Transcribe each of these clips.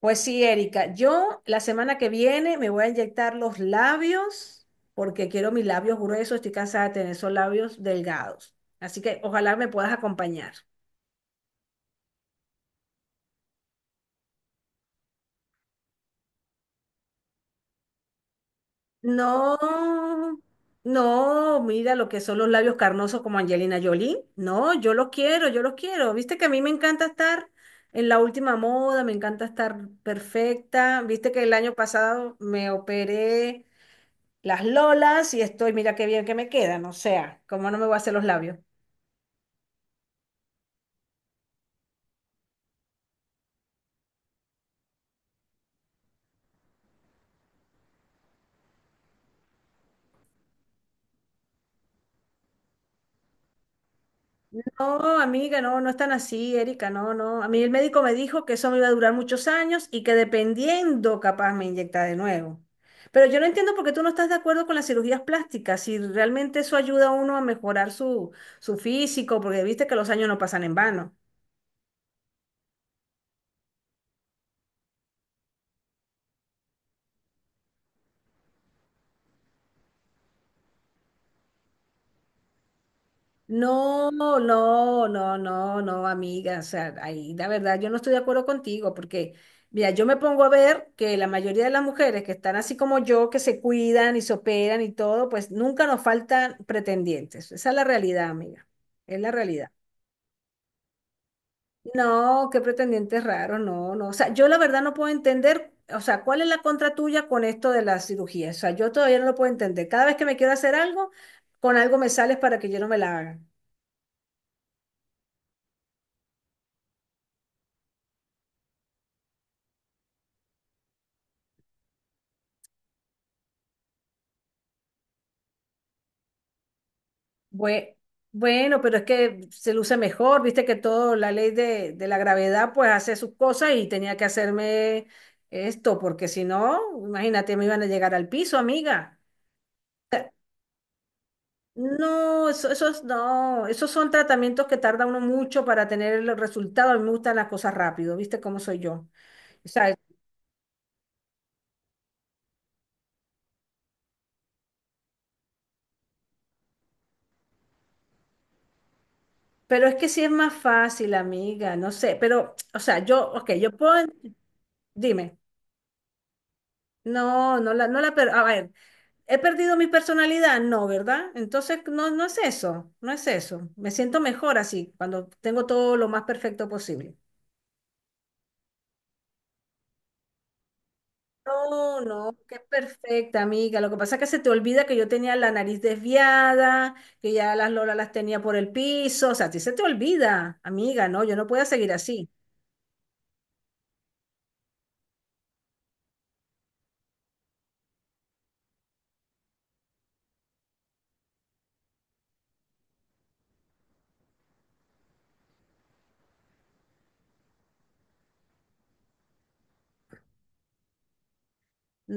Pues sí, Erika, yo la semana que viene me voy a inyectar los labios porque quiero mis labios gruesos, estoy cansada de tener esos labios delgados. Así que ojalá me puedas acompañar. No, no, mira lo que son los labios carnosos como Angelina Jolie. No, yo los quiero, yo los quiero. Viste que a mí me encanta estar en la última moda, me encanta estar perfecta. Viste que el año pasado me operé las lolas y estoy, mira qué bien que me quedan, o sea, cómo no me voy a hacer los labios. No, amiga, no, no es tan así, Erika, no, no. A mí el médico me dijo que eso me iba a durar muchos años y que dependiendo capaz me inyecta de nuevo. Pero yo no entiendo por qué tú no estás de acuerdo con las cirugías plásticas, si realmente eso ayuda a uno a mejorar su, su físico, porque viste que los años no pasan en vano. No, no, no, no, no, amiga. O sea, ahí la verdad yo no estoy de acuerdo contigo porque, mira, yo me pongo a ver que la mayoría de las mujeres que están así como yo, que se cuidan y se operan y todo, pues nunca nos faltan pretendientes. Esa es la realidad, amiga. Es la realidad. No, qué pretendientes raros, no, no. O sea, yo la verdad no puedo entender, o sea, ¿cuál es la contra tuya con esto de la cirugía? O sea, yo todavía no lo puedo entender. Cada vez que me quiero hacer algo, con algo me sales para que yo no me la haga. Bue- Bueno, pero es que se luce mejor, viste que todo, la ley de la gravedad, pues hace sus cosas y tenía que hacerme esto, porque si no, imagínate, me iban a llegar al piso, amiga. No, eso, esos no, esos son tratamientos que tarda uno mucho para tener el resultado. A mí me gustan las cosas rápido, viste cómo soy yo. O sea, pero es que sí es más fácil, amiga, no sé, pero, o sea, yo, ok, yo puedo, dime, no, a ver. ¿He perdido mi personalidad? No, ¿verdad? Entonces, no, no es eso, no es eso. Me siento mejor así, cuando tengo todo lo más perfecto posible. No, no, qué perfecta, amiga. Lo que pasa es que se te olvida que yo tenía la nariz desviada, que ya las lolas las tenía por el piso. O sea, a ti se te olvida, amiga, no, yo no puedo seguir así.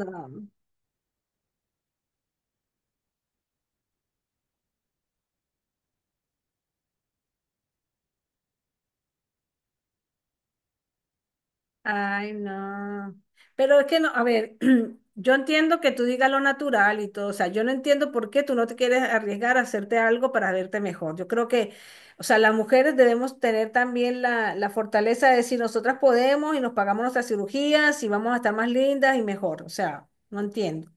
No. Ay, no. Pero es que no, a ver, yo entiendo que tú digas lo natural y todo, o sea, yo no entiendo por qué tú no te quieres arriesgar a hacerte algo para verte mejor. Yo creo que, o sea, las mujeres debemos tener también la fortaleza de decir nosotras podemos y nos pagamos nuestras cirugías y vamos a estar más lindas y mejor. O sea, no entiendo.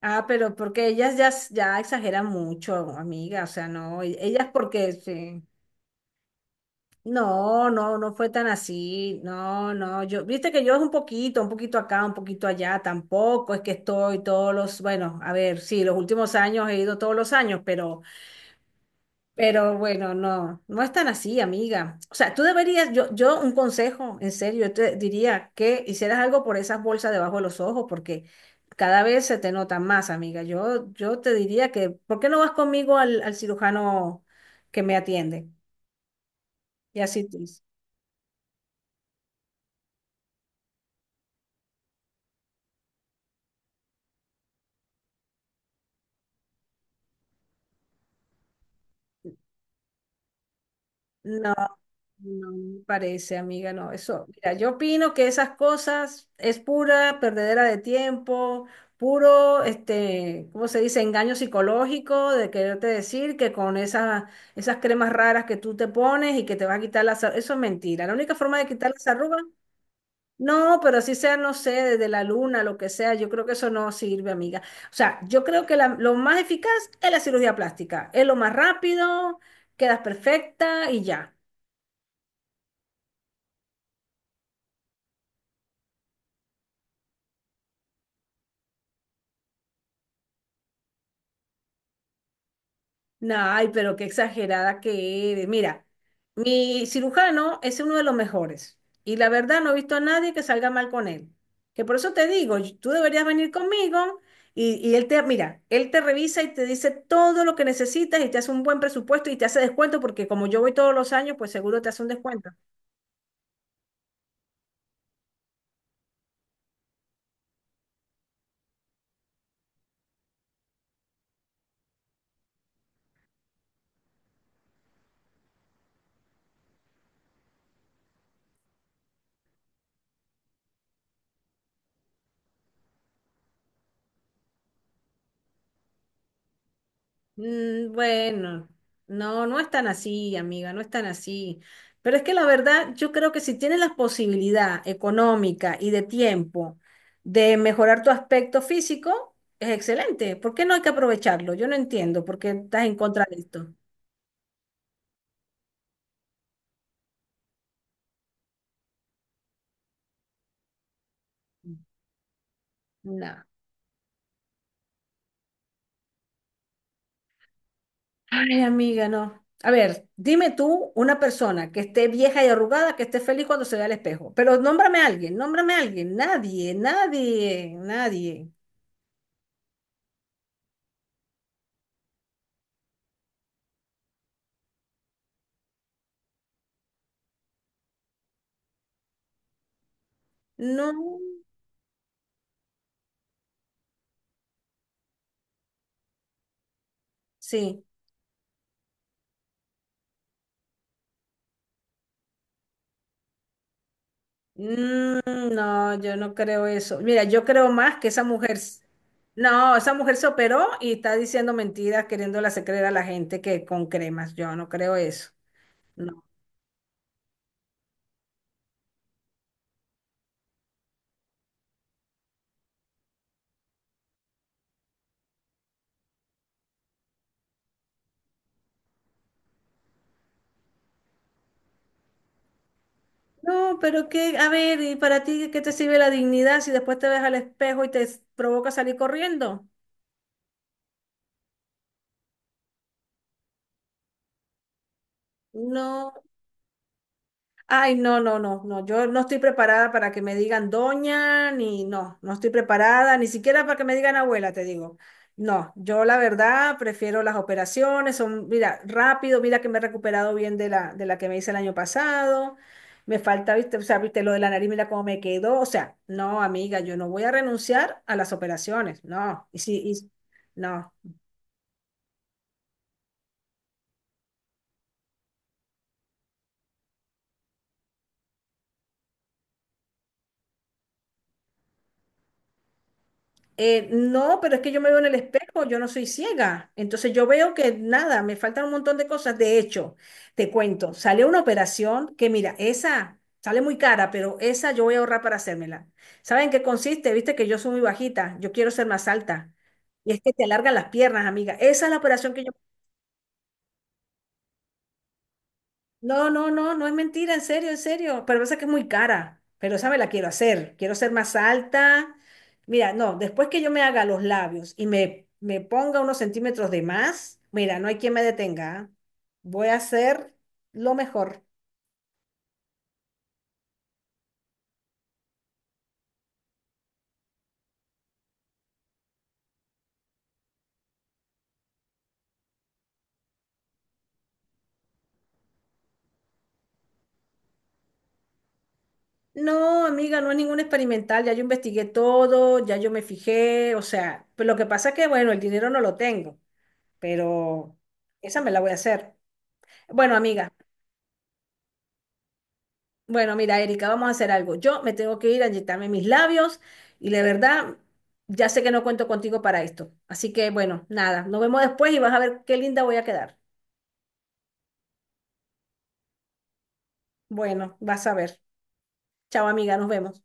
Ah, pero porque ellas ya, exageran mucho, amiga, o sea, no, ellas porque sí. No, no, no fue tan así. No, no, yo, viste que yo es un poquito acá, un poquito allá, tampoco es que estoy todos los, bueno, a ver, sí, los últimos años he ido todos los años, pero bueno, no, no es tan así, amiga. O sea, tú deberías, yo, un consejo, en serio, yo te diría que hicieras algo por esas bolsas debajo de los ojos, porque cada vez se te nota más, amiga. Yo, te diría que, ¿por qué no vas conmigo al cirujano que me atiende? Y así tú dices. No. No me parece, amiga, no, eso, mira, yo opino que esas cosas es pura perdedera de tiempo, puro, este, ¿cómo se dice? Engaño psicológico de quererte decir que con esas, cremas raras que tú te pones y que te vas a quitar las arrugas, eso es mentira. La única forma de quitar las arrugas, no, pero así sea, no sé, desde la luna, lo que sea, yo creo que eso no sirve, amiga. O sea, yo creo que lo más eficaz es la cirugía plástica, es lo más rápido, quedas perfecta y ya. No, ay, pero qué exagerada que eres. Mira, mi cirujano es uno de los mejores y la verdad no he visto a nadie que salga mal con él. Que por eso te digo, tú deberías venir conmigo y, él te, mira, él te revisa y te dice todo lo que necesitas y te hace un buen presupuesto y te hace descuento porque como yo voy todos los años, pues seguro te hace un descuento. Mm. Bueno, no, no es tan así, amiga, no es tan así. Pero es que la verdad, yo creo que si tienes la posibilidad económica y de tiempo de mejorar tu aspecto físico, es excelente. ¿Por qué no hay que aprovecharlo? Yo no entiendo por qué estás en contra de esto. No. Ay, amiga, no. A ver, dime tú una persona que esté vieja y arrugada, que esté feliz cuando se vea al espejo. Pero nómbrame a alguien, nómbrame a alguien. Nadie, nadie, nadie. No. Sí. Mm. No, yo no creo eso. Mira, yo creo más que esa mujer, no, esa mujer se operó y está diciendo mentiras, queriéndole hacer creer a la gente que con cremas. Yo no creo eso. No. No, pero que, a ver, ¿y para ti qué te sirve la dignidad si después te ves al espejo y te provoca salir corriendo? No. Ay, no, no, no, no, yo no estoy preparada para que me digan doña, ni no, no estoy preparada, ni siquiera para que me digan abuela, te digo. No, yo la verdad prefiero las operaciones, son, mira, rápido, mira que me he recuperado bien de la que me hice el año pasado, me falta, viste, o sea, viste lo de la nariz, mira cómo me quedó, o sea, no, amiga, yo no voy a renunciar a las operaciones, no, y sí, y, no. No, pero es que yo me veo en el espejo, yo no soy ciega. Entonces yo veo que nada, me faltan un montón de cosas. De hecho, te cuento, sale una operación que mira, esa sale muy cara, pero esa yo voy a ahorrar para hacérmela. ¿Saben qué consiste? Viste que yo soy muy bajita, yo quiero ser más alta. Y es que te alargan las piernas, amiga. Esa es la operación que yo. No, no, no, no es mentira, en serio, en serio. Pero pasa que es muy cara. Pero esa me la quiero hacer. Quiero ser más alta. Mira, no, después que yo me haga los labios y me, ponga unos centímetros de más, mira, no hay quien me detenga. ¿Ah? Voy a hacer lo mejor. No, amiga, no es ningún experimental. Ya yo investigué todo, ya yo me fijé. O sea, pues lo que pasa es que, bueno, el dinero no lo tengo, pero esa me la voy a hacer. Bueno, amiga. Bueno, mira, Erika, vamos a hacer algo. Yo me tengo que ir a inyectarme mis labios y la verdad, ya sé que no cuento contigo para esto. Así que bueno, nada, nos vemos después y vas a ver qué linda voy a quedar. Bueno, vas a ver. Chao, amiga, nos vemos.